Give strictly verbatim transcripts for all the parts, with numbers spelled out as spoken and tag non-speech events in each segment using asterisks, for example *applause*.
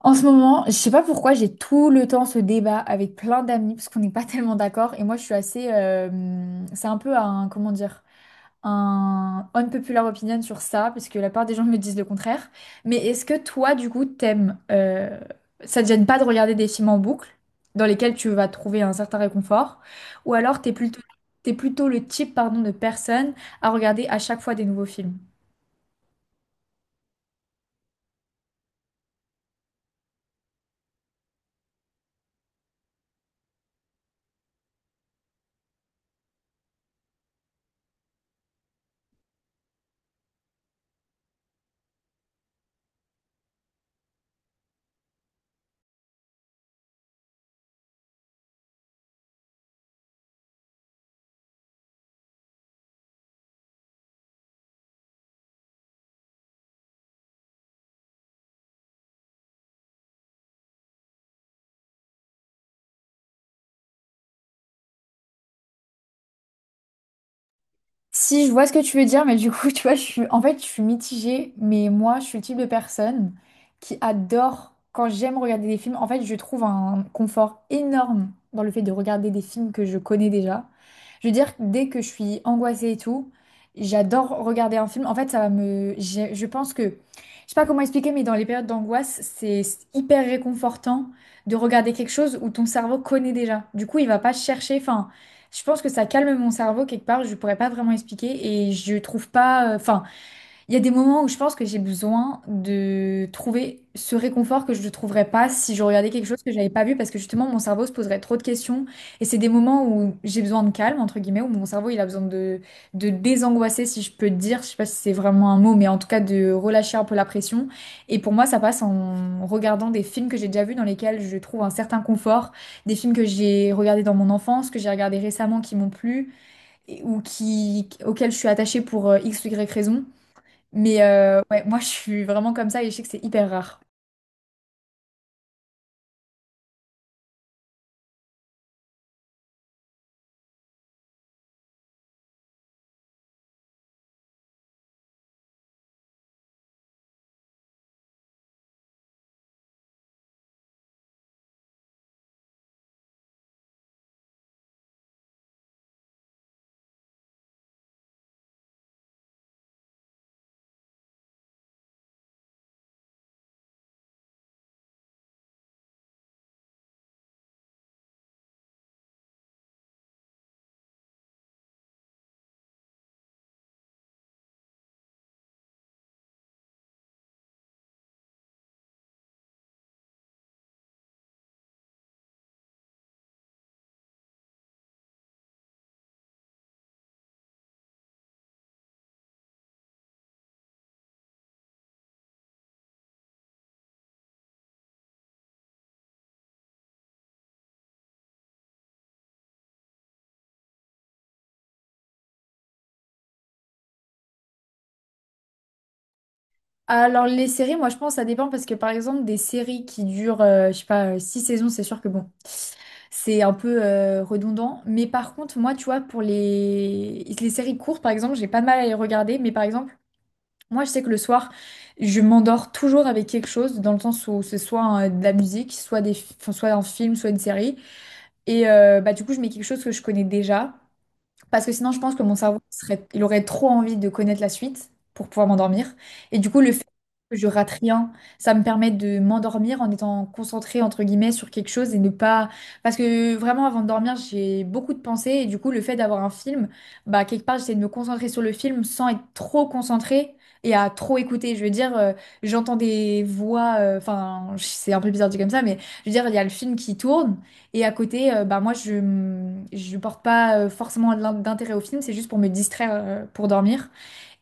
En ce moment, je sais pas pourquoi j'ai tout le temps ce débat avec plein d'amis parce qu'on n'est pas *laughs* tellement d'accord et moi je suis assez euh, c'est un peu un comment dire un unpopular opinion sur ça parce que la part des gens me disent le contraire. Mais est-ce que toi du coup t'aimes euh, ça te gêne pas de regarder des films en boucle dans lesquels tu vas trouver un certain réconfort ou alors t'es plutôt t'es plutôt le type pardon de personne à regarder à chaque fois des nouveaux films? Si, je vois ce que tu veux dire, mais du coup, *laughs* tu vois, je suis, en fait, je suis mitigée, mais moi, je suis le type de personne qui adore, quand j'aime regarder des films, en fait, je trouve un confort énorme dans le fait de regarder des films que je connais déjà. Je veux dire, dès que je suis angoissée et tout, j'adore regarder un film. En fait, ça va me... j'ai- Je pense que... Je sais pas comment expliquer, mais dans les périodes d'angoisse, c'est hyper réconfortant de regarder quelque chose où ton cerveau connaît déjà. Du coup, il va pas chercher, enfin... Je pense que ça calme mon cerveau quelque part, je pourrais pas vraiment expliquer et je trouve pas, euh, enfin, il y a des moments où je pense que j'ai besoin de trouver ce réconfort que je ne trouverais pas si je regardais quelque chose que j'avais pas vu parce que justement mon cerveau se poserait trop de questions et c'est des moments où j'ai besoin de calme entre guillemets où mon cerveau il a besoin de de désangoisser si je peux te dire je sais pas si c'est vraiment un mot mais en tout cas de relâcher un peu la pression et pour moi ça passe en regardant des films que j'ai déjà vus dans lesquels je trouve un certain confort des films que j'ai regardés dans mon enfance que j'ai regardés récemment qui m'ont plu et- ou qui auxquels je suis attachée pour euh, X ou Y raison mais euh, ouais, moi je suis vraiment comme ça et je sais que c'est hyper rare. Alors les séries, moi je pense ça dépend parce que par exemple des séries qui durent, euh, je sais pas, euh, six saisons, c'est sûr que bon, c'est un peu euh, redondant. Mais par contre, moi tu vois, pour les, les séries courtes, par exemple, j'ai pas de mal à les regarder. Mais par exemple, moi je sais que le soir, je m'endors toujours avec quelque chose, dans le sens où c'est soit euh, de la musique, soit des... enfin, soit un film, soit une série. Et euh, bah du coup, je mets quelque chose que je connais déjà. Parce que sinon, je pense que mon cerveau serait, il aurait trop envie de connaître la suite pour pouvoir m'endormir. Et du coup, le fait que je rate rien, ça me permet de m'endormir en étant concentrée, entre guillemets, sur quelque chose et ne pas... Parce que vraiment, avant de dormir, j'ai beaucoup de pensées. Et du coup, le fait d'avoir un film, bah, quelque part, j'essaie de me concentrer sur le film sans être trop concentrée et à trop écouter. Je veux dire, euh, j'entends des voix... euh, Enfin, c'est un peu bizarre dit comme ça, mais je veux dire, il y a le film qui tourne. Et à côté, euh, bah moi, je ne porte pas euh, forcément de l'in- d'intérêt au film, c'est juste pour me distraire, euh, pour dormir.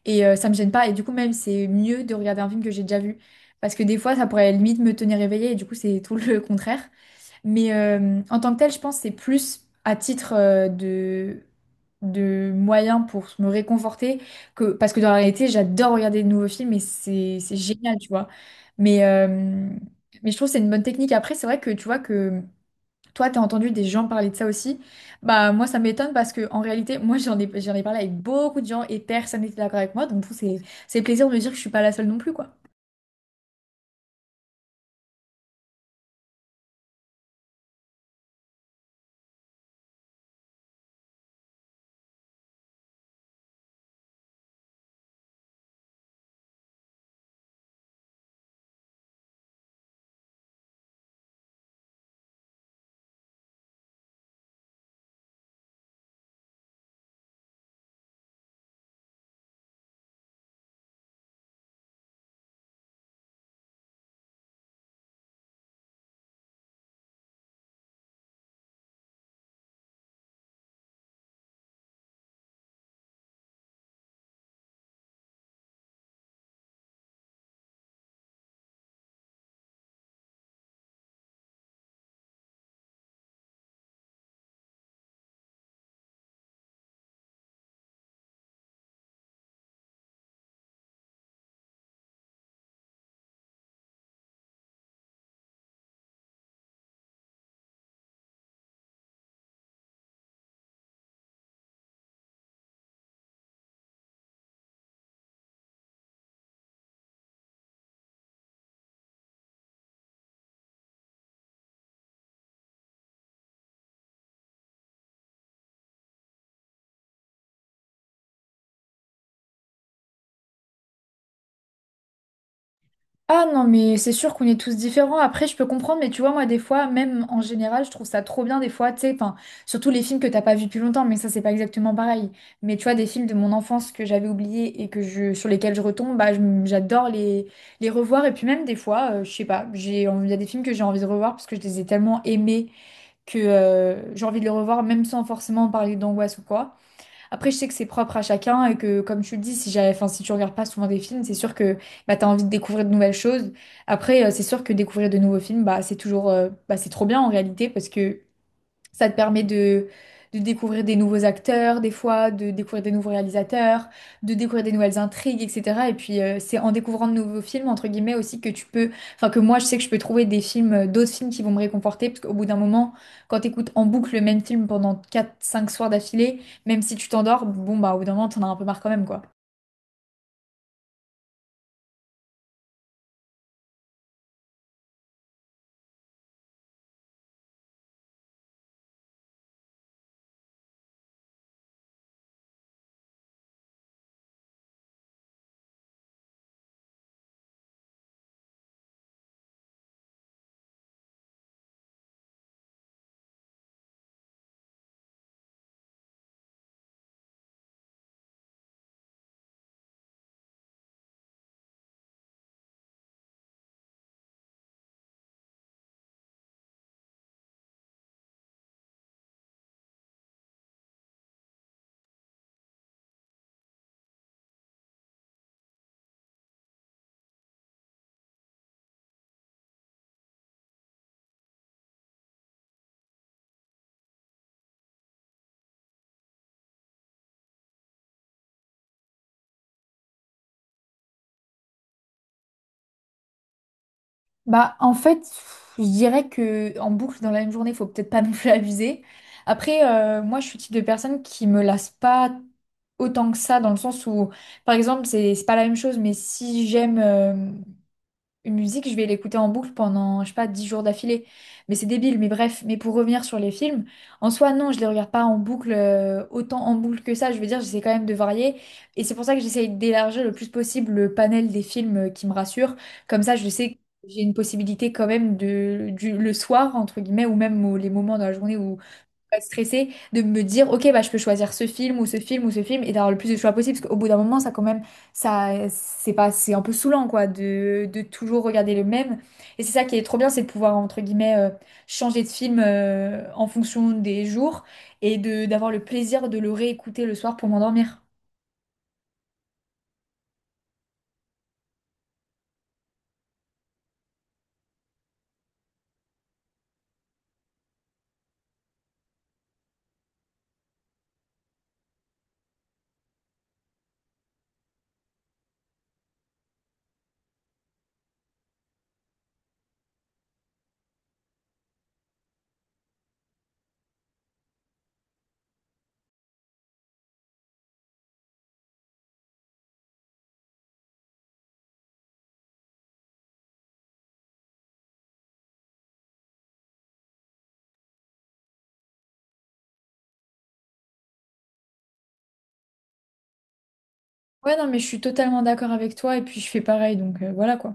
Et euh, ça me gêne pas. Et du coup, même, c'est mieux de regarder un film que j'ai déjà vu. Parce que des fois, ça pourrait limite me tenir éveillée, et du coup, c'est tout le *laughs* contraire. Mais euh, en tant que tel, je pense que c'est plus à titre euh, de, de moyen pour me réconforter que parce que dans la réalité, j'adore regarder de nouveaux films et c'est c'est génial, tu vois. Mais euh, mais je trouve que c'est une bonne technique. Après, c'est vrai que tu vois que toi, t'as entendu des gens parler de ça aussi? Bah moi, ça m'étonne parce que en réalité, moi j'en ai j'en ai parlé avec beaucoup de gens et personne n'était d'accord avec moi. Donc du coup, c'est c'est plaisir de me dire que je suis pas la seule non plus, quoi. Ah non, mais c'est sûr qu'on est tous différents. Après, je peux comprendre, mais tu vois, moi, des fois, même en général, je trouve ça trop bien, des fois, tu sais, enfin, surtout les films que t'as pas vus depuis longtemps, mais ça, c'est pas exactement pareil. Mais tu vois, des films de mon enfance que j'avais oubliés et que je, sur lesquels je retombe, bah, je- j'adore les, les revoir. Et puis même, des fois, euh, je sais pas, j'ai, il y a des films que j'ai envie de revoir parce que je les ai tellement aimés que euh, j'ai envie de le revoir, même sans forcément parler d'angoisse ou quoi. Après, je sais que c'est propre à chacun et que, comme tu le dis, si j'avais, enfin, si tu regardes pas souvent des films, c'est sûr que bah, tu as envie de découvrir de nouvelles choses. Après, euh, c'est sûr que découvrir de nouveaux films, bah, c'est toujours, euh, bah, c'est trop bien en réalité parce que ça te permet de, de découvrir des nouveaux acteurs, des fois, de découvrir des nouveaux réalisateurs, de découvrir des nouvelles intrigues, et cetera. Et puis, euh, c'est en découvrant de nouveaux films, entre guillemets, aussi que tu peux, enfin, que moi, je sais que je peux trouver des films, euh, d'autres films qui vont me réconforter, parce qu'au bout d'un moment, quand t'écoutes en boucle le même film pendant quatre cinq soirs d'affilée, même si tu t'endors, bon, bah, au bout d'un moment, t'en as un peu marre quand même, quoi. Bah, en fait, pff, je dirais que en boucle dans la même journée, faut peut-être pas non plus *laughs* abuser. Après, euh, moi, je suis le type de personne qui me lasse pas autant que ça, dans le sens où, par exemple, c'est c'est pas la même chose, mais si j'aime. euh, une musique, je vais l'écouter en boucle pendant, je sais pas, dix jours d'affilée. Mais c'est débile, mais bref. Mais pour revenir sur les films, en soi, non, je les regarde pas en boucle, euh, autant en boucle que ça. Je veux dire, j'essaie quand même de varier. Et c'est pour ça que j'essaie d'élargir le plus possible le panel des films euh, qui me rassurent. Comme ça, je sais que j'ai une possibilité quand même de, du, le soir, entre guillemets, ou même au- les moments de la journée où pas être stressée de me dire, ok, bah, je peux choisir ce film ou ce film ou ce film et d'avoir le plus de choix possible. Parce qu'au bout d'un moment, ça, quand même, ça, c'est pas, c'est un peu saoulant, quoi, de, de toujours regarder le même. Et c'est ça qui est trop bien, c'est de pouvoir, entre guillemets, euh, changer de film euh, en fonction des jours et de, d'avoir le plaisir de le réécouter le soir pour m'endormir. Ouais, non, mais je suis totalement d'accord avec toi et puis je fais pareil, donc euh, voilà quoi.